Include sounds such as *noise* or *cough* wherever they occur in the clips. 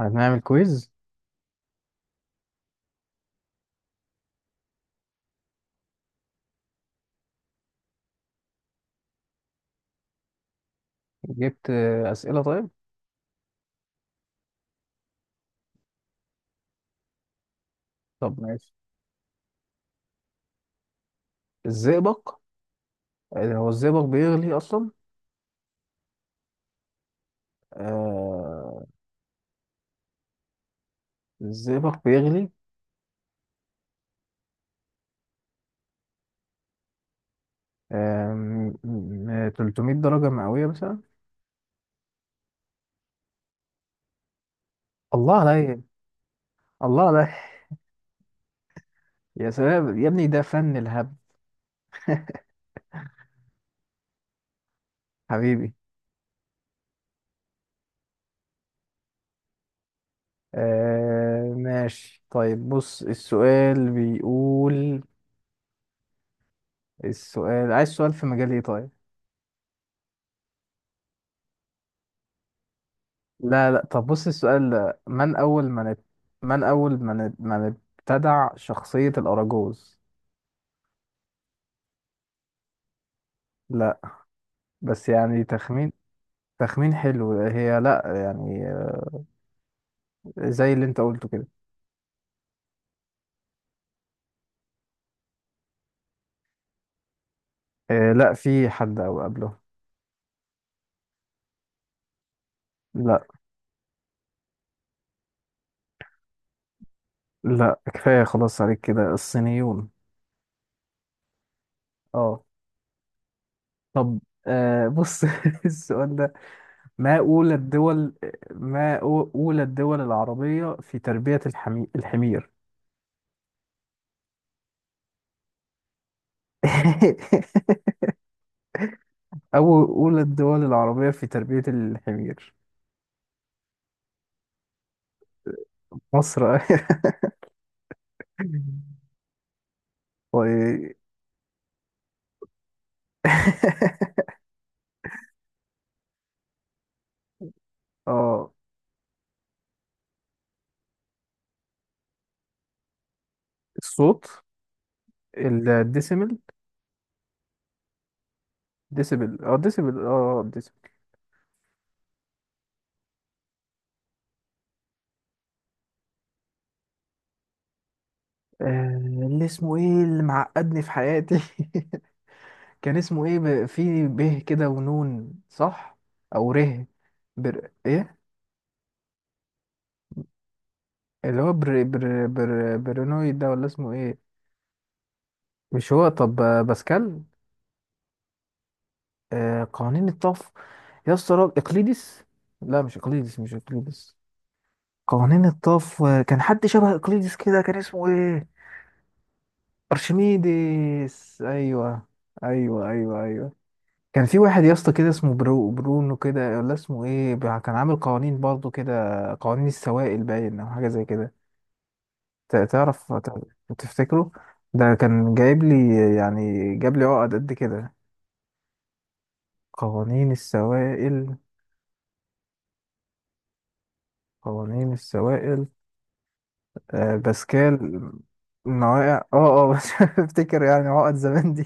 هنعمل كويز. جبت أسئلة. طيب، طب ماشي. الزئبق؟ هو الزئبق بيغلي أصلا؟ آه، الزئبق بيغلي. 300 درجة مئوية مثلا. الله عليا، الله عليا. يا سلام يا ابني، ده فن الهبد. حبيبي. آه ماشي، طيب بص السؤال بيقول. السؤال عايز سؤال في مجال ايه؟ طيب. لا لا، طب بص السؤال ده من أول من ات... من ابتدع شخصية الأراجوز؟ لا، بس يعني تخمين. تخمين حلو، هي لا يعني. زي اللي انت قلته كده. آه لا، في حد أو قبله. لا، لا كفاية خلاص عليك كده، الصينيون. اه. طب آه بص، *laughs* السؤال ده ما أولى الدول ما أو- أولى الدول العربية في تربية الحمير. *laughs* أو- أولى الدول العربية في تربية الحمير. مصر. *laughs* و... *laughs* اه. الصوت. الديسيمل. ديسيبل، اه ديسيبل، اه ديسيبل. آه، اللي اسمه ايه اللي معقدني في حياتي؟ *laughs* كان اسمه ايه؟ ب... في ب كده ونون، صح؟ او ره. ايه؟ اللي هو برينويد ده ولا اسمه ايه؟ مش هو. طب باسكال. آه قوانين الطف. يا اسطى اقليدس. لا مش اقليدس، مش اقليدس. قوانين الطف. كان حد شبه اقليدس كده، كان اسمه ايه؟ ارشميدس، ايوه ايوه ايوه ايوه. كان في واحد يا اسطى كده، اسمه برونو كده ولا اسمه ايه بقى؟ كان عامل قوانين برضه كده. قوانين السوائل باين، او حاجه زي كده. تعرف، تفتكره؟ ده كان جايب لي، يعني جاب لي عقد قد كده. قوانين السوائل، قوانين السوائل. باسكال. مواقع، اه اه بس. *laughs* افتكر يعني عقد زمان دي.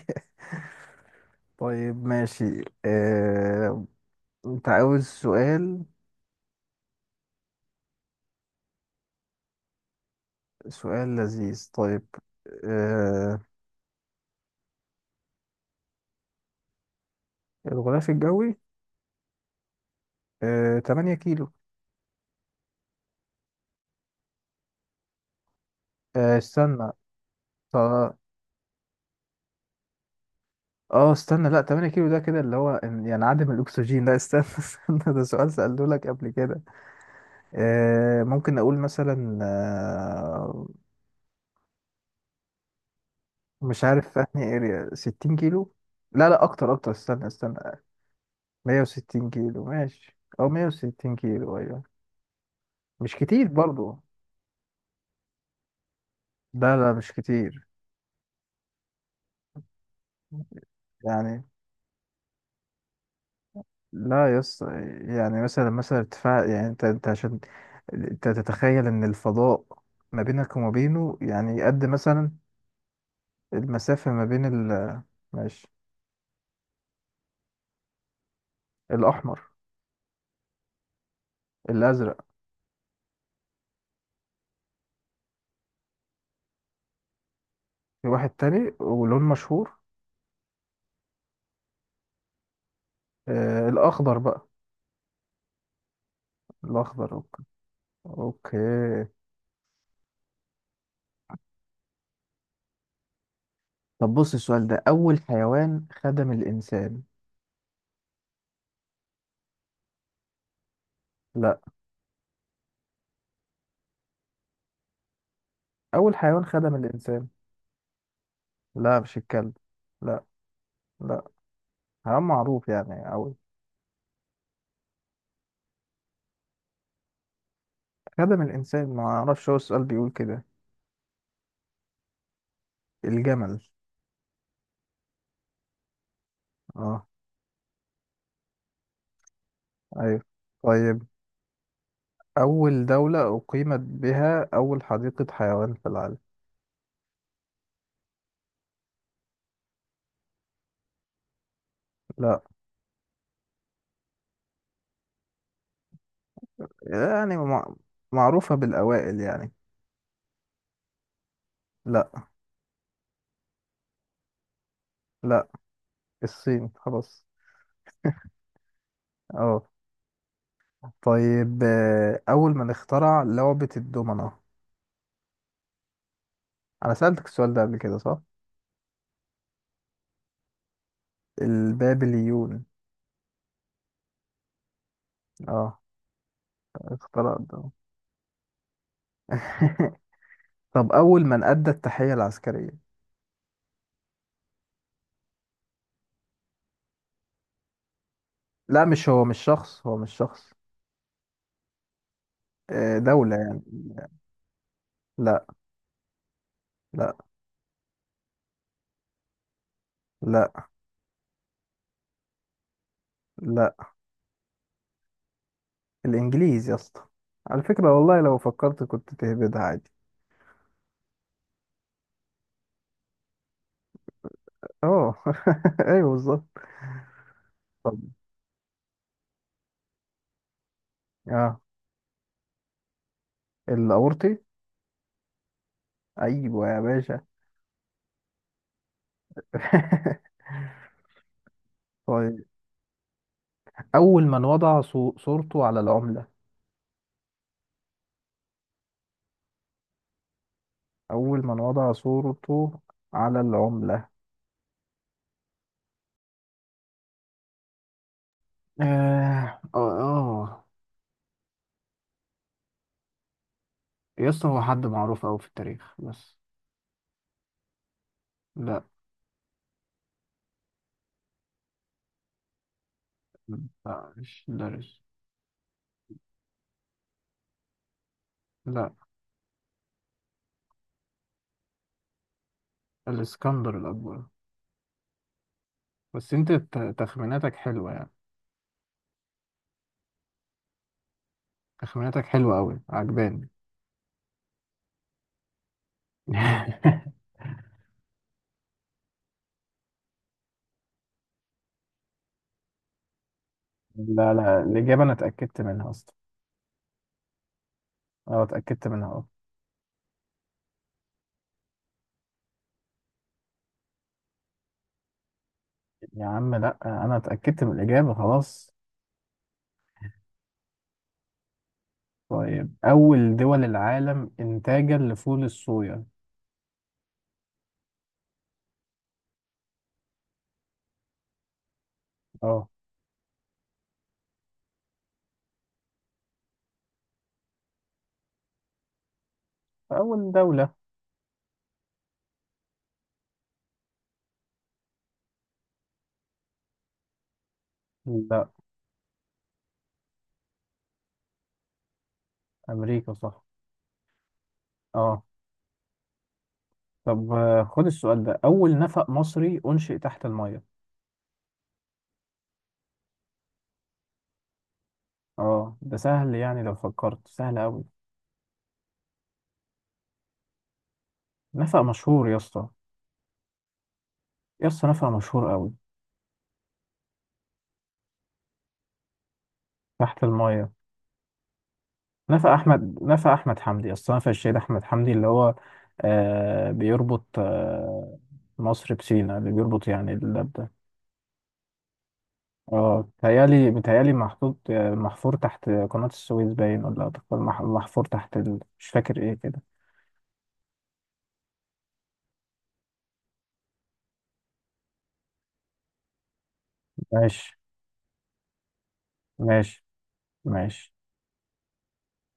طيب ماشي، انت عاوز سؤال؟ سؤال لذيذ، طيب. آه، الغلاف الجوي؟ 8 كيلو. استنى. ط- اه استنى، لا 8 كيلو ده كده اللي هو يعني عدم الاكسجين. لا استنى، *laughs* استنى، ده سؤال سألته لك قبل كده. ممكن اقول مثلا آه، مش عارف في انهي اريا. 60 كيلو. لا لا اكتر، اكتر. استنى، استنى. 160 كيلو؟ ماشي، او 160 كيلو، ايوه. مش كتير برضو. لا لا مش كتير. يعني لا يس. يعني مثلا، مثلا ارتفاع، يعني انت عشان انت تتخيل ان الفضاء ما بينك وما بينه، يعني قد مثلا المسافة ما بين ال... ماشي. الأحمر. الأزرق. في واحد تاني ولون مشهور؟ آه الأخضر بقى. الأخضر، أوكي. أوكي. طب بص السؤال ده، أول حيوان خدم الإنسان. لا. أول حيوان خدم الإنسان. لا مش الكلب. لا. لا حيوان معروف يعني أوي. خدم الإنسان. ما أعرفش، هو السؤال بيقول كده. الجمل. اه. أيوه. طيب، أول دولة أقيمت بها أول حديقة حيوان في العالم. لا. يعني مع... معروفة بالأوائل يعني. لا. لا، الصين خلاص. اه. طيب أول من اخترع لعبة الدومنة؟ أنا سألتك السؤال ده قبل كده، صح؟ البابليون. اه، اخترع الدومنة. *laughs* طب أول من أدى التحية العسكرية. لا مش هو، مش شخص، هو مش شخص. آه، دولة يعني. لا. لا. لا. لا، الإنجليز يا اسطى. على فكرة والله، لو فكرت كنت تهبدها عادي. اه. *laughs* ايوه بالظبط. طب اه، الأورطي. ايوه يا باشا. *laughs* طيب، أول من وضع صورته على العملة. أول من وضع صورته على العملة. اه، اه، آه. يا اسطى هو حد معروف أوي في التاريخ بس. لا. لا مش درج. لا. الاسكندر الأكبر. بس أنت تخميناتك حلوة يعني. تخميناتك حلوة أوي، عجباني. *laughs* لا لا، الإجابة أنا اتأكدت منها أصلا. أه اتأكدت منها، أه. يا عم لا، أنا اتأكدت من الإجابة خلاص. طيب أول دول العالم إنتاجا لفول الصويا. أه. أول دولة. لا. أمريكا صح. أه. طب خد السؤال ده، أول نفق مصري أنشئ تحت المية. أه ده سهل، يعني لو فكرت سهل أوي. نفق مشهور يا اسطى. يا اسطى نفق مشهور قوي. تحت المايه. نفق احمد، نفق احمد حمدي، اصلا نفق الشهيد احمد حمدي اللي هو آه بيربط آه مصر بسينا، اللي بيربط يعني الباب ده. اه متهيألي، متهيألي محطوط، محفور تحت قناة السويس باين، ولا محفور تحت ال... مش فاكر ايه كده. ماشي. ماشي. ماشي.